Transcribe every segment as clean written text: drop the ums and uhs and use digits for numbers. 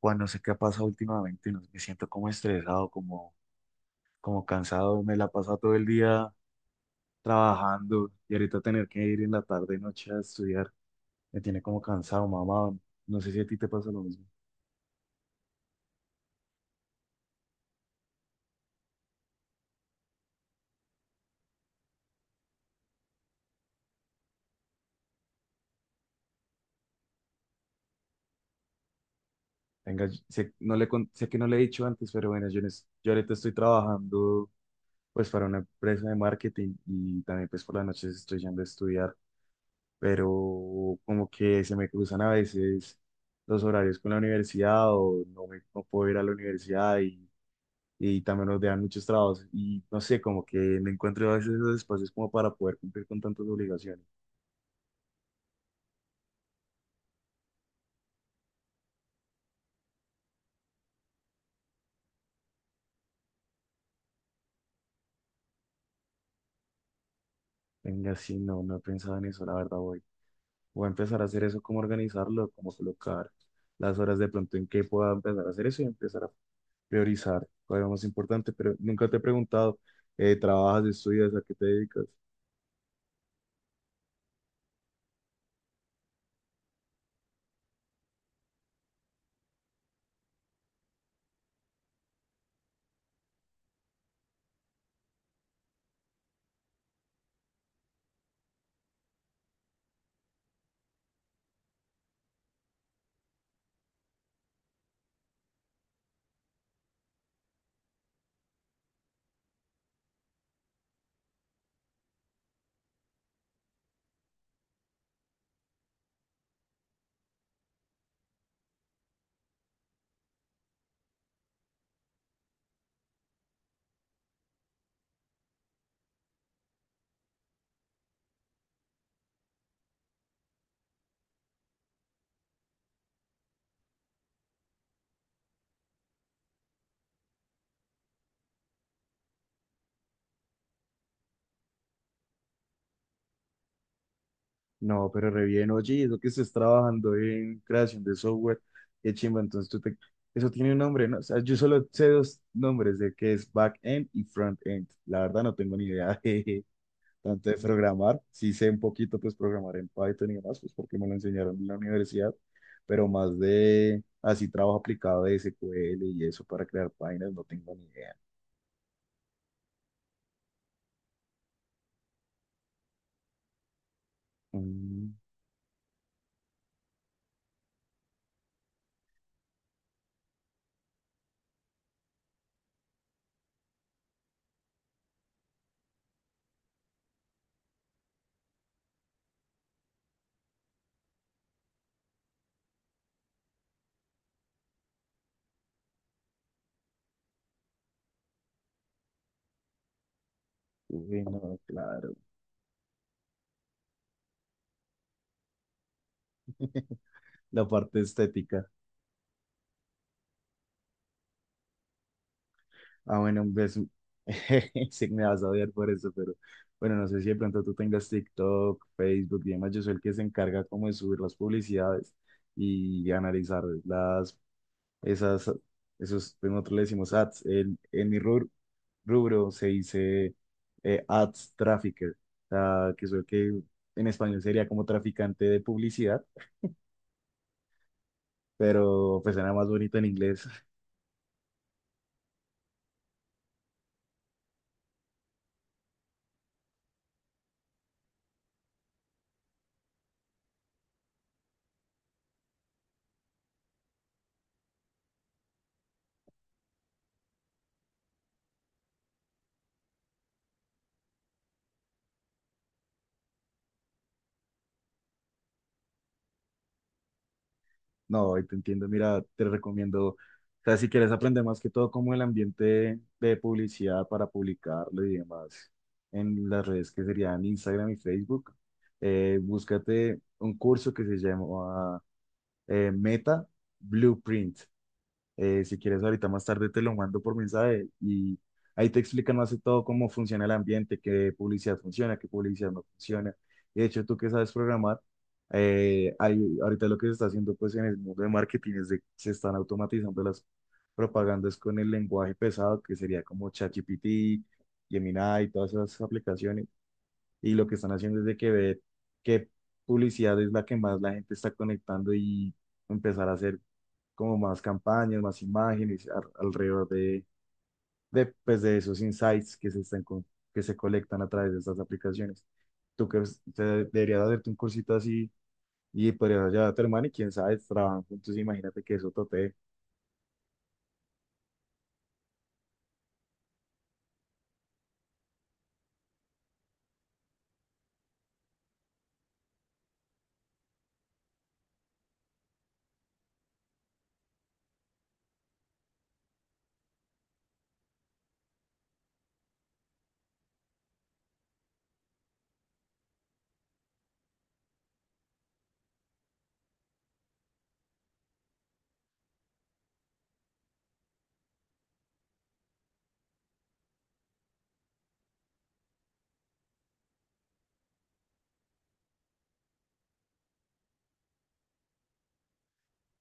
Juan, no sé qué ha pasado últimamente, no sé, me siento como estresado, como, como cansado, me la paso todo el día trabajando y ahorita tener que ir en la tarde y noche a estudiar, me tiene como cansado, mamá, no sé si a ti te pasa lo mismo. Venga, sé, no le, sé que no le he dicho antes, pero bueno, yo, yo ahorita estoy trabajando pues para una empresa de marketing y también pues por las noches estoy yendo a estudiar, pero como que se me cruzan a veces los horarios con la universidad o no, me, no puedo ir a la universidad y también nos dejan muchos trabajos y no sé, como que no encuentro a veces esos espacios como para poder cumplir con tantas obligaciones. Venga, sí, no, no he pensado en eso, la verdad voy. Voy a empezar a hacer eso, cómo organizarlo, cómo colocar las horas de pronto en que pueda empezar a hacer eso y empezar a priorizar, cuál es lo más importante, pero nunca te he preguntado, ¿trabajas, estudias, a qué te dedicas? No, pero re bien, oye, eso que estés trabajando en creación de software, qué chimba, entonces tú te... Eso tiene un nombre, ¿no? O sea, yo solo sé dos nombres de que es back-end y front-end. La verdad no tengo ni idea de tanto de programar. Sí sé un poquito, pues, programar en Python y demás, pues, porque me lo enseñaron en la universidad, pero más de así trabajo aplicado de SQL y eso para crear páginas, no tengo ni idea. Mm, bueno, claro. La parte estética. Ah, bueno, pues sí me vas a odiar por eso, pero bueno, no sé si de pronto tú tengas TikTok, Facebook y demás. Yo soy el que se encarga como de subir las publicidades y analizar las, esas, esos, nosotros le decimos ads. En mi rubro, rubro se dice ads trafficker, o sea, que soy el que en español sería como traficante de publicidad, pero pues era más bonito en inglés. No, ahí te entiendo. Mira, te recomiendo, o sea, si quieres aprender más que todo como el ambiente de publicidad para publicarlo y demás en las redes que serían Instagram y Facebook, búscate un curso que se llama Meta Blueprint. Si quieres, ahorita más tarde te lo mando por mensaje y ahí te explican más de todo cómo funciona el ambiente, qué publicidad funciona, qué publicidad no funciona. De hecho, tú que sabes programar, ahorita lo que se está haciendo pues en el mundo de marketing es de se están automatizando las propagandas con el lenguaje pesado, que sería como ChatGPT, Gemini y todas esas aplicaciones y lo que están haciendo es de que ver qué publicidad es la que más la gente está conectando y empezar a hacer como más campañas, más imágenes alrededor de, pues, de esos insights que se están que se colectan a través de estas aplicaciones. Tú que es- te- deberías hacerte un cursito así y podrías llevar a tu hermano y quién sabe, trabajan juntos, imagínate que eso tope.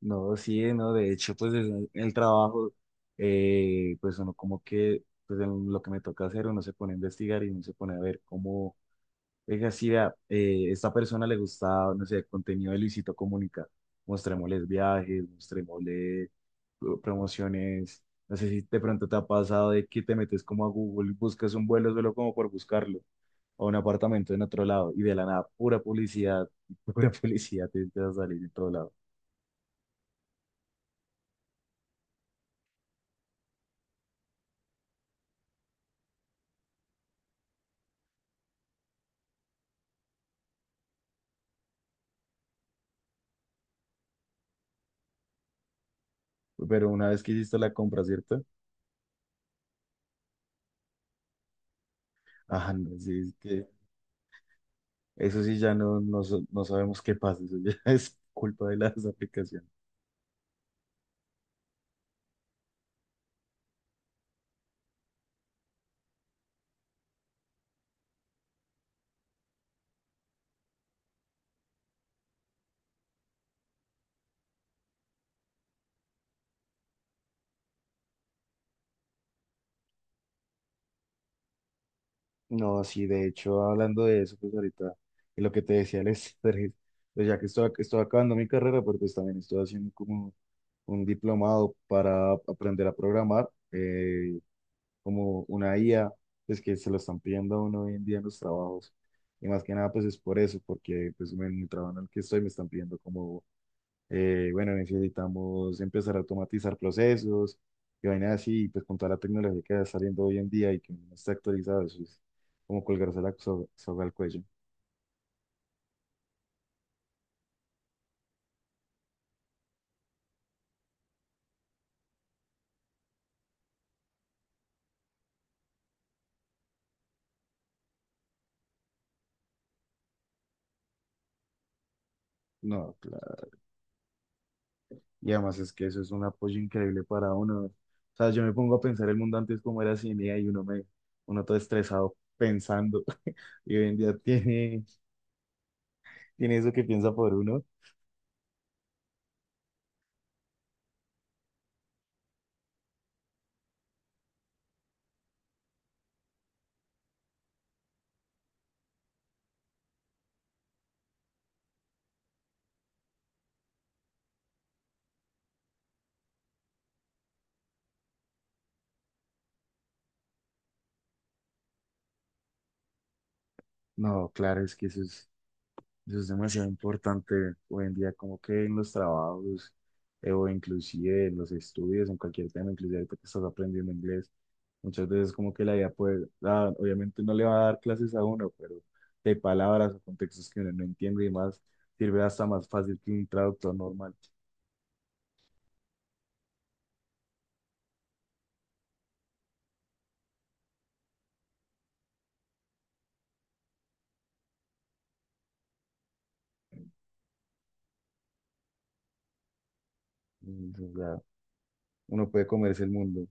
No, sí, no, de hecho, pues en el trabajo, pues uno como que, pues en lo que me toca hacer, uno se pone a investigar y uno se pone a ver cómo, oiga, si vea, esta persona le gusta, no sé, el contenido de Luisito Comunica, mostrémosles viajes, mostrémosle promociones, no sé si de pronto te ha pasado de que te metes como a Google, buscas un vuelo solo como por buscarlo, o un apartamento en otro lado, y de la nada, pura publicidad, pura publicidad te, te va a salir en todo lado. Pero una vez que hiciste la compra, ¿cierto? Ah, no, sí, es que eso sí ya no, no, no sabemos qué pasa, eso ya es culpa de las aplicaciones. No, sí, de hecho, hablando de eso, pues ahorita, de lo que te decía el estrés, pues ya que estoy, estoy acabando mi carrera, pero pues también estoy haciendo como un diplomado para aprender a programar, como una IA, pues que se lo están pidiendo a uno hoy en día en los trabajos. Y más que nada, pues es por eso, porque pues en mi trabajo en el que estoy me están pidiendo como eh, bueno, necesitamos empezar a automatizar procesos y vainas así, y pues con toda la tecnología que está saliendo hoy en día y que no está actualizada, eso es como colgarse la soga al cuello. No, claro. Y además es que eso es un apoyo increíble para uno. O sea, yo me pongo a pensar el mundo antes como era sin IA y uno me, uno todo estresado pensando y hoy en día tiene, tiene eso que piensa por uno. No, claro, es que eso es, eso es demasiado importante hoy en día, como que en los trabajos o inclusive en los estudios, en cualquier tema, inclusive ahorita que estás aprendiendo inglés, muchas veces como que la idea puede, ah, obviamente no le va a dar clases a uno, pero de palabras o contextos que uno no entiende y más, sirve hasta más fácil que un traductor normal. Y, o sea, uno puede comerse el mundo.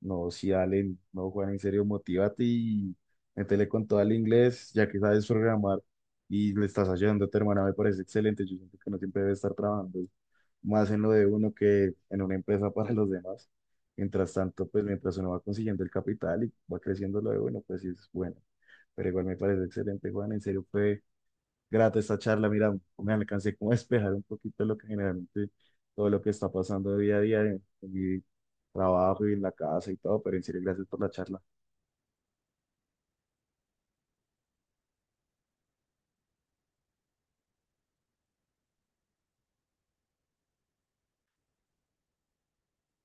No, si Allen, no, Juan, en serio, motívate y métele con todo al inglés, ya que sabes programar y le estás ayudando a tu hermana, me parece excelente. Yo siento que no siempre debe estar trabajando más en lo de uno que en una empresa para los demás. Mientras tanto, pues mientras uno va consiguiendo el capital y va creciendo lo de uno, pues sí es bueno. Pero igual me parece excelente, Juan, en serio, fue grata esta charla. Mira, me alcancé como a despejar un poquito lo que generalmente todo lo que está pasando día a día en mi trabajo y en la casa y todo, pero en serio, gracias por la charla.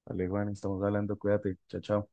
Vale, Juan, estamos hablando, cuídate, chao, chao.